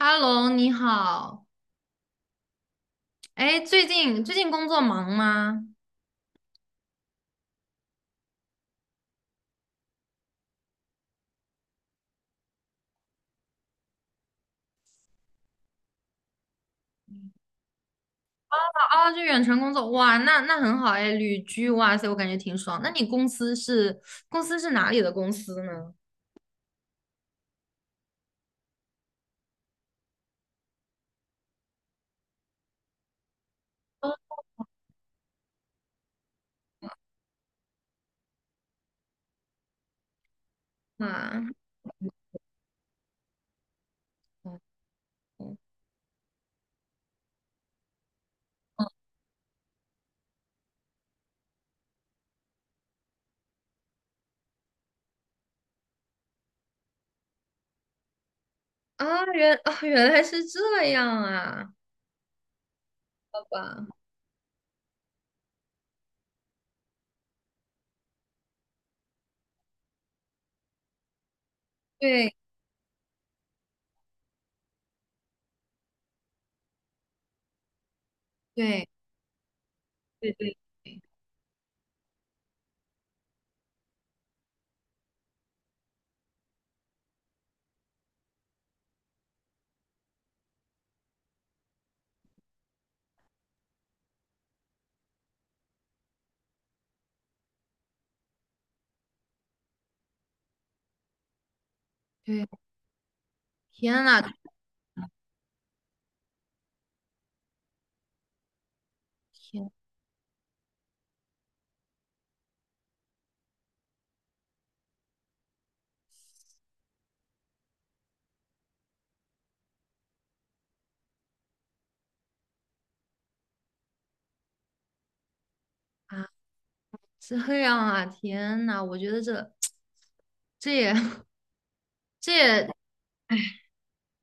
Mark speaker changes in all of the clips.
Speaker 1: 哈喽，你好。哎，最近工作忙吗？啊，就远程工作，哇，那很好哎，旅居，哇塞，我感觉挺爽。那你公司是哪里的公司呢？啊原来是这样啊，好吧，对对对对对，对，天呐天啊，这样啊，天呐，我觉得这 这也 这也，哎，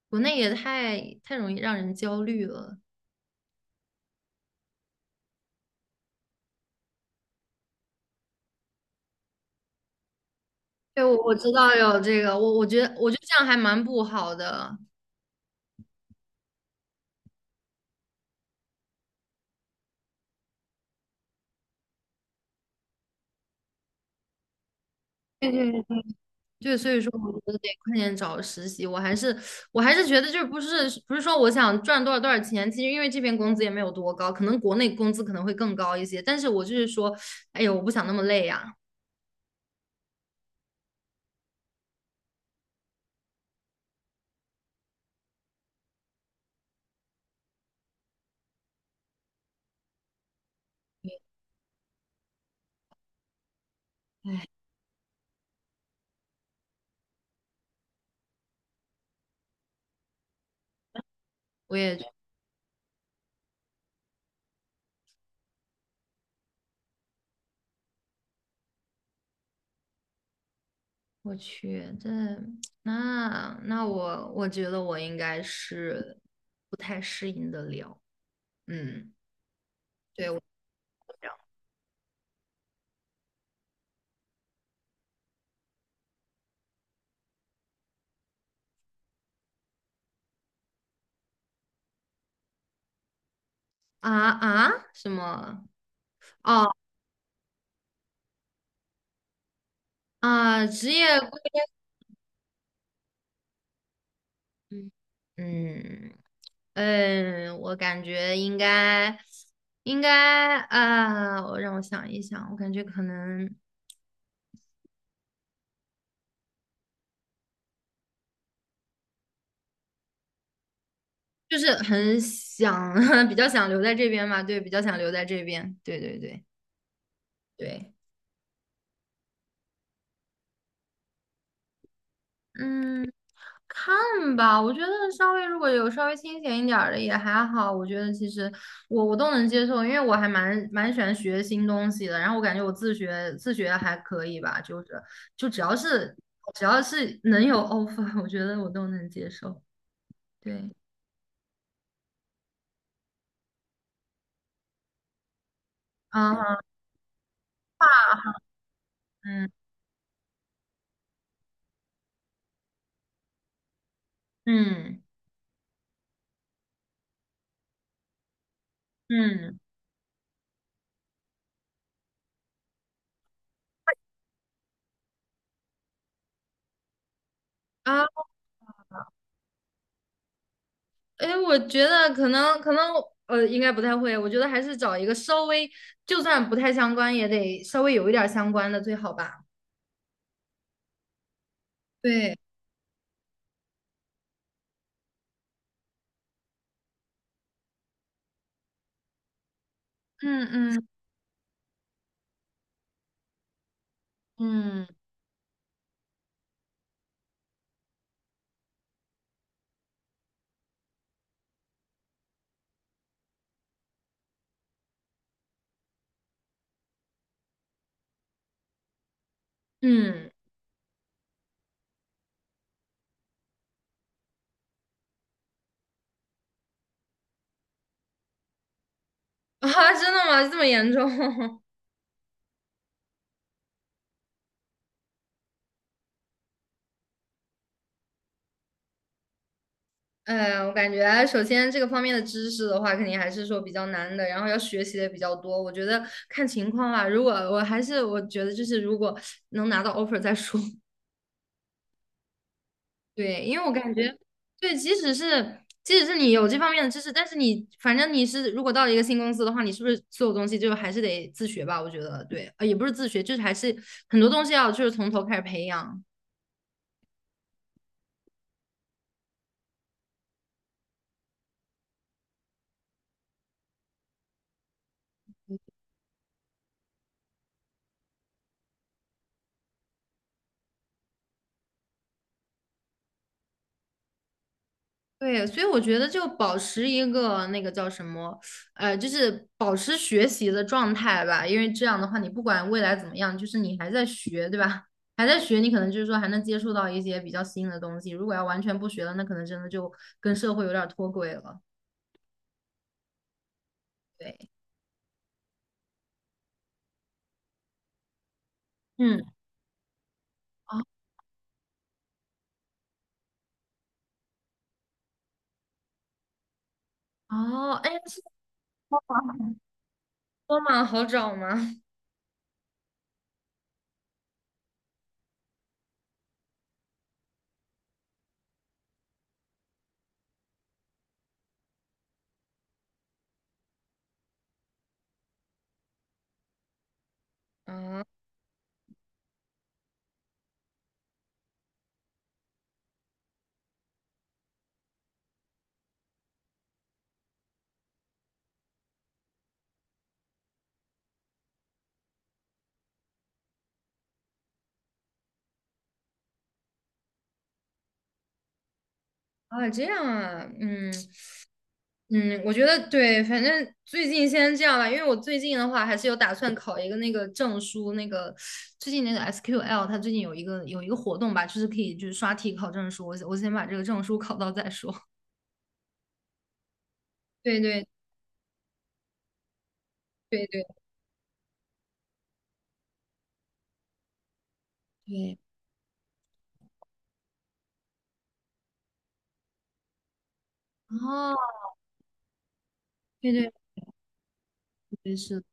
Speaker 1: 国内也太容易让人焦虑了。对，我知道有这个，我觉得这样还蛮不好的。对对对，对，所以说我觉得得快点找实习。我还是觉得就是不是说我想赚多少多少钱。其实因为这边工资也没有多高，可能国内工资可能会更高一些，但是我就是说，哎呦，我不想那么累呀、哎，我也我去，这那我觉得我应该是不太适应得了。嗯，对，我什么？哦。啊，职业规嗯嗯嗯，我感觉应该啊，我让我想一想，我感觉可能就是很想，比较想留在这边嘛。对，比较想留在这边，对对对对，嗯。看吧，我觉得稍微如果有稍微清闲一点儿的也还好，我觉得其实我都能接受，因为我还蛮喜欢学新东西的，然后我感觉我自学自学还可以吧，就是就只要是能有 offer，我觉得我都能接受。对，啊，嗯嗯嗯啊，哎，我觉得可能应该不太会，我觉得还是找一个稍微就算不太相关也得稍微有一点儿相关的最好吧。对，嗯嗯嗯嗯啊，真的吗？这么严重？哎，我感觉首先这个方面的知识的话，肯定还是说比较难的，然后要学习的也比较多。我觉得看情况吧，如果我还是我觉得就是如果能拿到 offer 再说。对，因为我感觉，对，即使是你有这方面的知识，但是你反正你是如果到了一个新公司的话，你是不是所有东西就还是得自学吧？我觉得对，也不是自学，就是还是很多东西要就是从头开始培养。对，所以我觉得就保持一个那个叫什么，就是保持学习的状态吧。因为这样的话，你不管未来怎么样，就是你还在学，对吧？还在学，你可能就是说还能接触到一些比较新的东西。如果要完全不学了，那可能真的就跟社会有点儿脱轨了。对，嗯，哦哦，哎，是多吗？好找吗？啊这样啊，嗯，嗯，我觉得对，反正最近先这样吧。因为我最近的话还是有打算考一个那个证书，那个最近那个 SQL，它最近有一个活动吧，就是可以就是刷题考证书，我先把这个证书考到再说。对对对对对，哦，对对对是，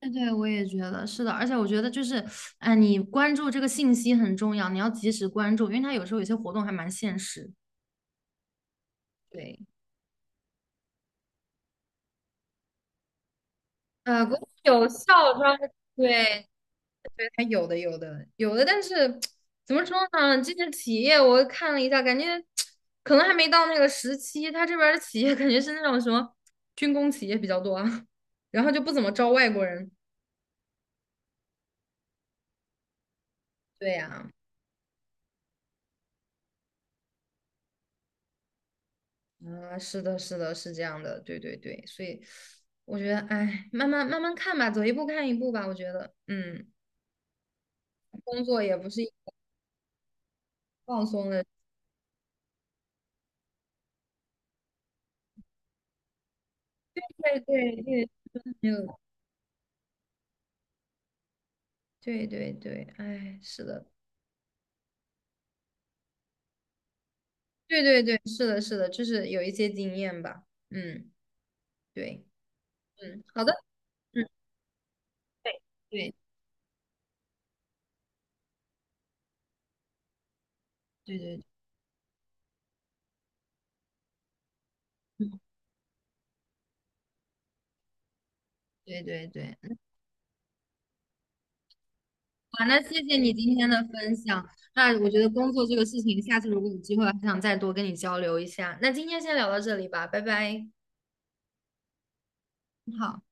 Speaker 1: 对对，我也觉得是的。而且我觉得就是，哎，你关注这个信息很重要，你要及时关注，因为它有时候有些活动还蛮限时。对，国内有校招，对，还有的，有的，有的，但是怎么说呢？这些企业我看了一下，感觉可能还没到那个时期。他这边儿的企业感觉是那种什么军工企业比较多啊，然后就不怎么招外国人。对呀，啊，是的，是的，是这样的，对对对，所以我觉得，哎，慢慢慢慢看吧，走一步看一步吧。我觉得，嗯，工作也不是一放松的，对对对，没有，对对对，哎，是的。对对对，是的，是的，就是有一些经验吧。嗯，对，嗯，好的，嗯，对对对，嗯，对对对，嗯，好，那谢谢你今天的分享。那我觉得工作这个事情，下次如果有机会，还想再多跟你交流一下。那今天先聊到这里吧，拜拜。好。